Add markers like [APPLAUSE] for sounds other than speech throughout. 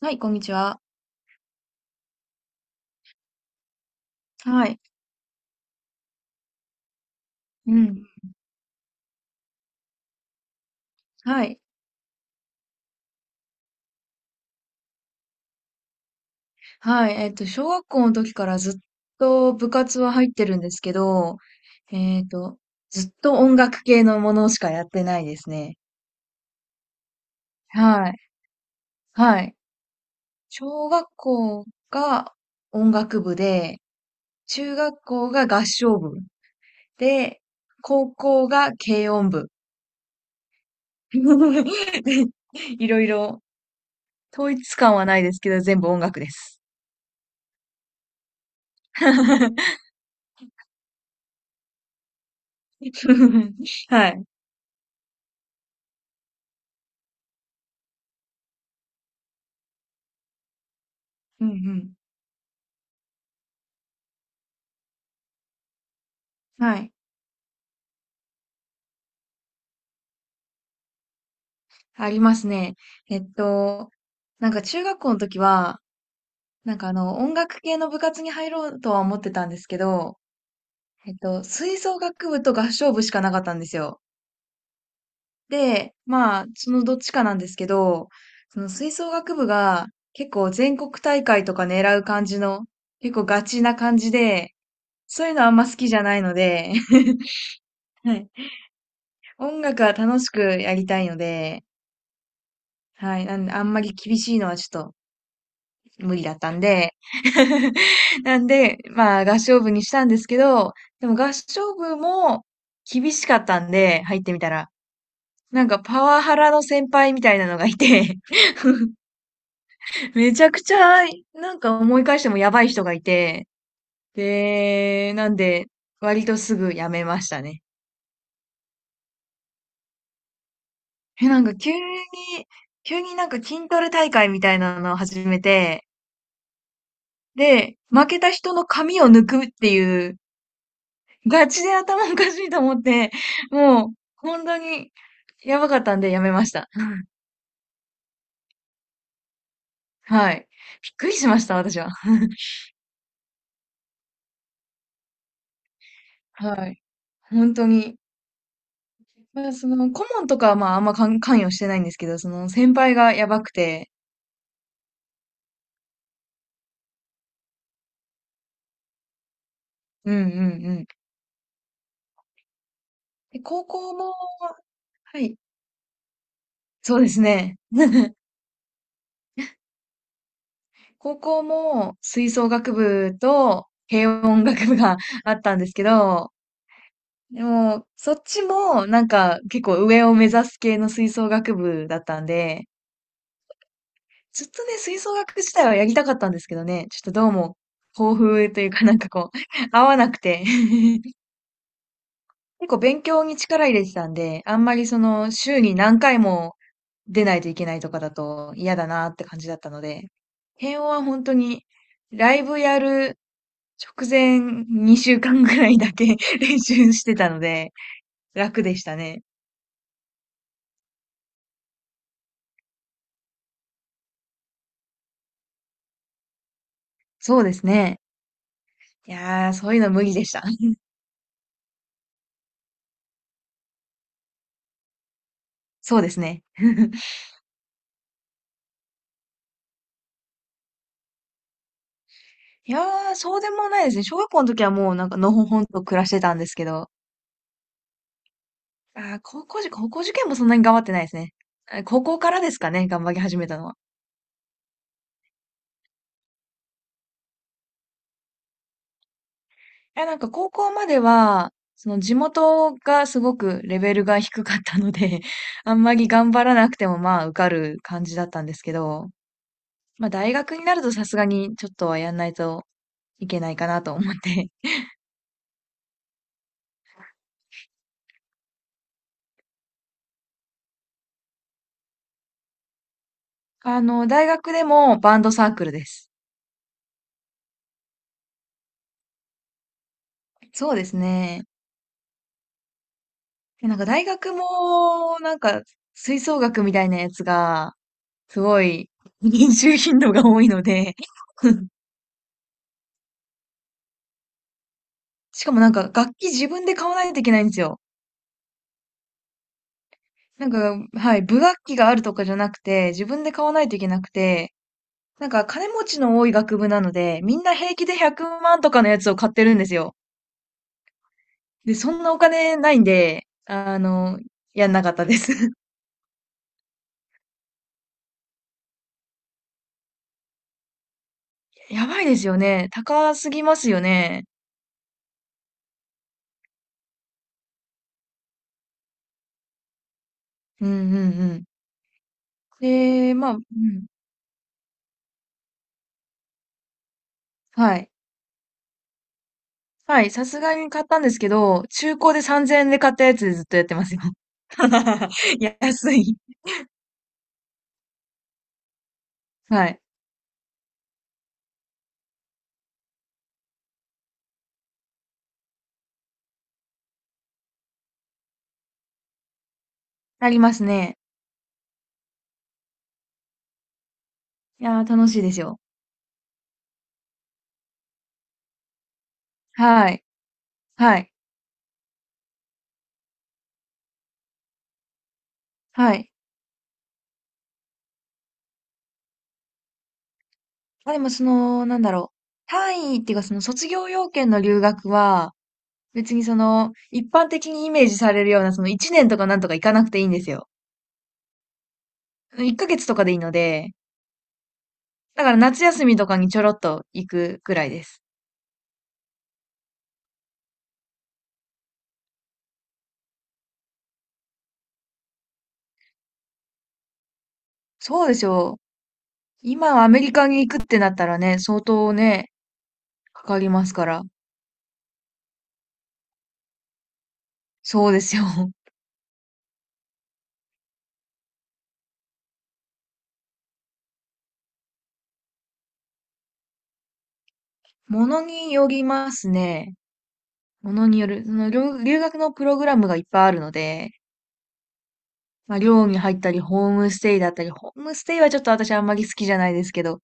はい、こんにちは。はい。うん。はい。はい。小学校の時からずっと部活は入ってるんですけど、えっと、ずっと音楽系のものしかやってないですね。はい。はい。小学校が音楽部で、中学校が合唱部で、高校が軽音部。[LAUGHS] でいろいろ、統一感はないですけど、全部音楽です。[LAUGHS] はい。うんうん。はい。ありますね。えっと、なんか中学校の時は、なんかあの、音楽系の部活に入ろうとは思ってたんですけど、吹奏楽部と合唱部しかなかったんですよ。で、まあ、そのどっちかなんですけど、その吹奏楽部が結構全国大会とか狙う感じの、結構ガチな感じで、そういうのあんま好きじゃないので、[LAUGHS] はい。音楽は楽しくやりたいので、はい。なんで、あんまり厳しいのはちょっと無理だったんで。[LAUGHS] なんで、まあ合唱部にしたんですけど、でも合唱部も厳しかったんで、入ってみたら。なんかパワハラの先輩みたいなのがいて、[LAUGHS] めちゃくちゃ、なんか思い返してもやばい人がいて、で、なんで、割とすぐ辞めましたね。え、なんか急になんか筋トレ大会みたいなのを始めて、で、負けた人の髪を抜くっていうガチで頭おかしいと思って、もう、本当に、やばかったんでやめました。[LAUGHS] はい。びっくりしました、私は。はい。本当に。まあ、その、顧問とかはまあ、あんま関与してないんですけど、その、先輩がやばくて、うんうんうん。で、高校も、はい。そうですね。高校も、吹奏楽部と、軽音楽部が [LAUGHS] あったんですけど、でも、そっちも、なんか、結構上を目指す系の吹奏楽部だったんで、ずっとね、吹奏楽自体はやりたかったんですけどね、ちょっとどうも、抱負というかなんかこう、[LAUGHS] 合わなくて。 [LAUGHS] 結構勉強に力入れてたんで、あんまりその、週に何回も出ないといけないとかだと嫌だなって感じだったので、辺は本当に、ライブやる直前2週間ぐらいだけ [LAUGHS] 練習してたので、楽でしたね。そうですね。いやー、そういうの無理でした。[LAUGHS] そうですね。[LAUGHS] いやー、そうでもないですね。小学校の時はもうなんかのほほんと暮らしてたんですけど、高校受験もそんなに頑張ってないですね。あ、高校からですかね、頑張り始めたのは。いや、なんか高校までは、その地元がすごくレベルが低かったので、[LAUGHS] あんまり頑張らなくてもまあ受かる感じだったんですけど、まあ大学になるとさすがにちょっとはやんないといけないかなと思って。[LAUGHS] あの、大学でもバンドサークルです。そうですね。で、なんか大学も、なんか、吹奏楽みたいなやつが、すごい、練習頻度が多いので。 [LAUGHS] しかもなんか、楽器自分で買わないといけないんですよ。なんか、はい、部楽器があるとかじゃなくて、自分で買わないといけなくて、なんか、金持ちの多い学部なので、みんな平気で100万とかのやつを買ってるんですよ。で、そんなお金ないんで、あの、やんなかったです。 [LAUGHS] やばいですよね。高すぎますよね。うんうん。で、まあ、うん。はい。はい。さすがに買ったんですけど、中古で3000円で買ったやつでずっとやってますよ。[LAUGHS] 安い。はい。ありますね。いやー、楽しいですよ。はい。はい。はい。まあでも、その、なんだろう。単位っていうか、その卒業要件の留学は、別にその、一般的にイメージされるような、その1年とかなんとか行かなくていいんですよ。1ヶ月とかでいいので、だから夏休みとかにちょろっと行くくらいです。そうでしょう。今アメリカに行くってなったらね、相当ね、かかりますから。そうですよ。[LAUGHS] ものによりますね。ものによる。その留学のプログラムがいっぱいあるので、まあ、寮に入ったり、ホームステイだったり、ホームステイはちょっと私あんまり好きじゃないですけど、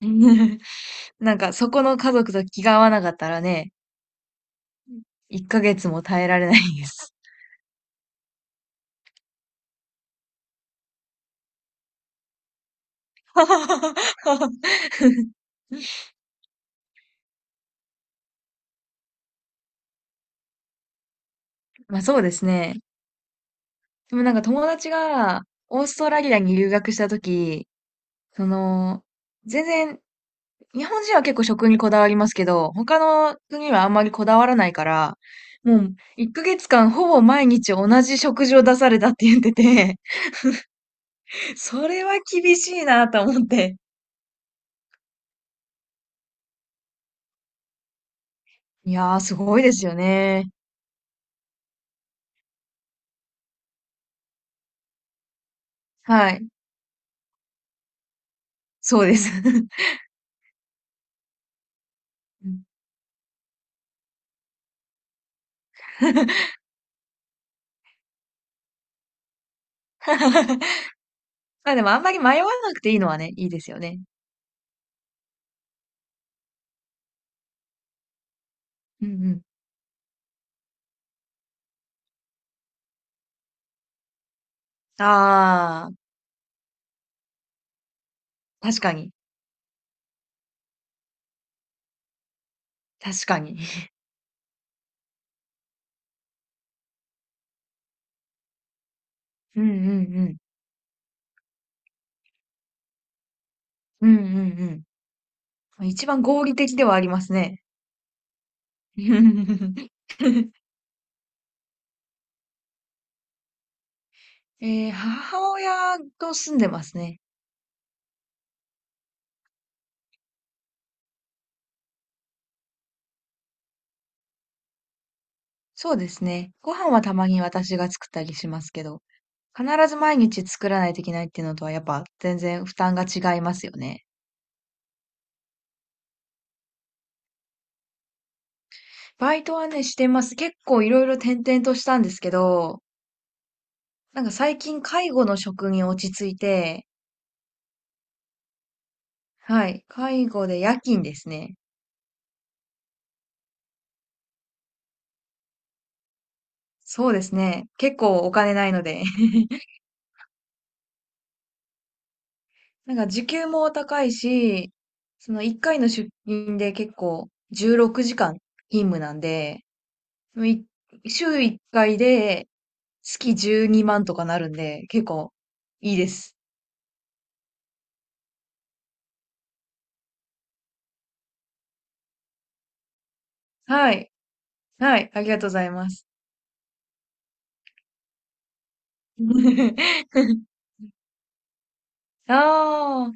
[LAUGHS] なんかそこの家族と気が合わなかったらね、1ヶ月も耐えられないです。[LAUGHS] まあそうですね。でもなんか友達がオーストラリアに留学したとき、その、全然、日本人は結構食にこだわりますけど、他の国はあんまりこだわらないから、もう1ヶ月間ほぼ毎日同じ食事を出されたって言ってて、[LAUGHS] それは厳しいなと思って。いやー、すごいですよね。はい。そうです。[LAUGHS] うん。 [LAUGHS] まあでもあんまり迷わなくていいのはね、いいですよね。うんうん。ああ、確かに。確かに。[LAUGHS] うんうんうん。うんうんうん。一番合理的ではありますね。[LAUGHS] ええ、母親と住んでますね。そうですね。ご飯はたまに私が作ったりしますけど、必ず毎日作らないといけないっていうのとはやっぱ全然負担が違いますよね。バイトはね、してます。結構いろいろ転々としたんですけど、なんか最近介護の職に落ち着いて、はい。介護で夜勤ですね。そうですね。結構お金ないので。なんか時給も高いし、その1回の出勤で結構16時間勤務なんで、もうい週1回で月12万とかなるんで、結構いいです。はい。はい。ありがとうございます。[LAUGHS] ああ。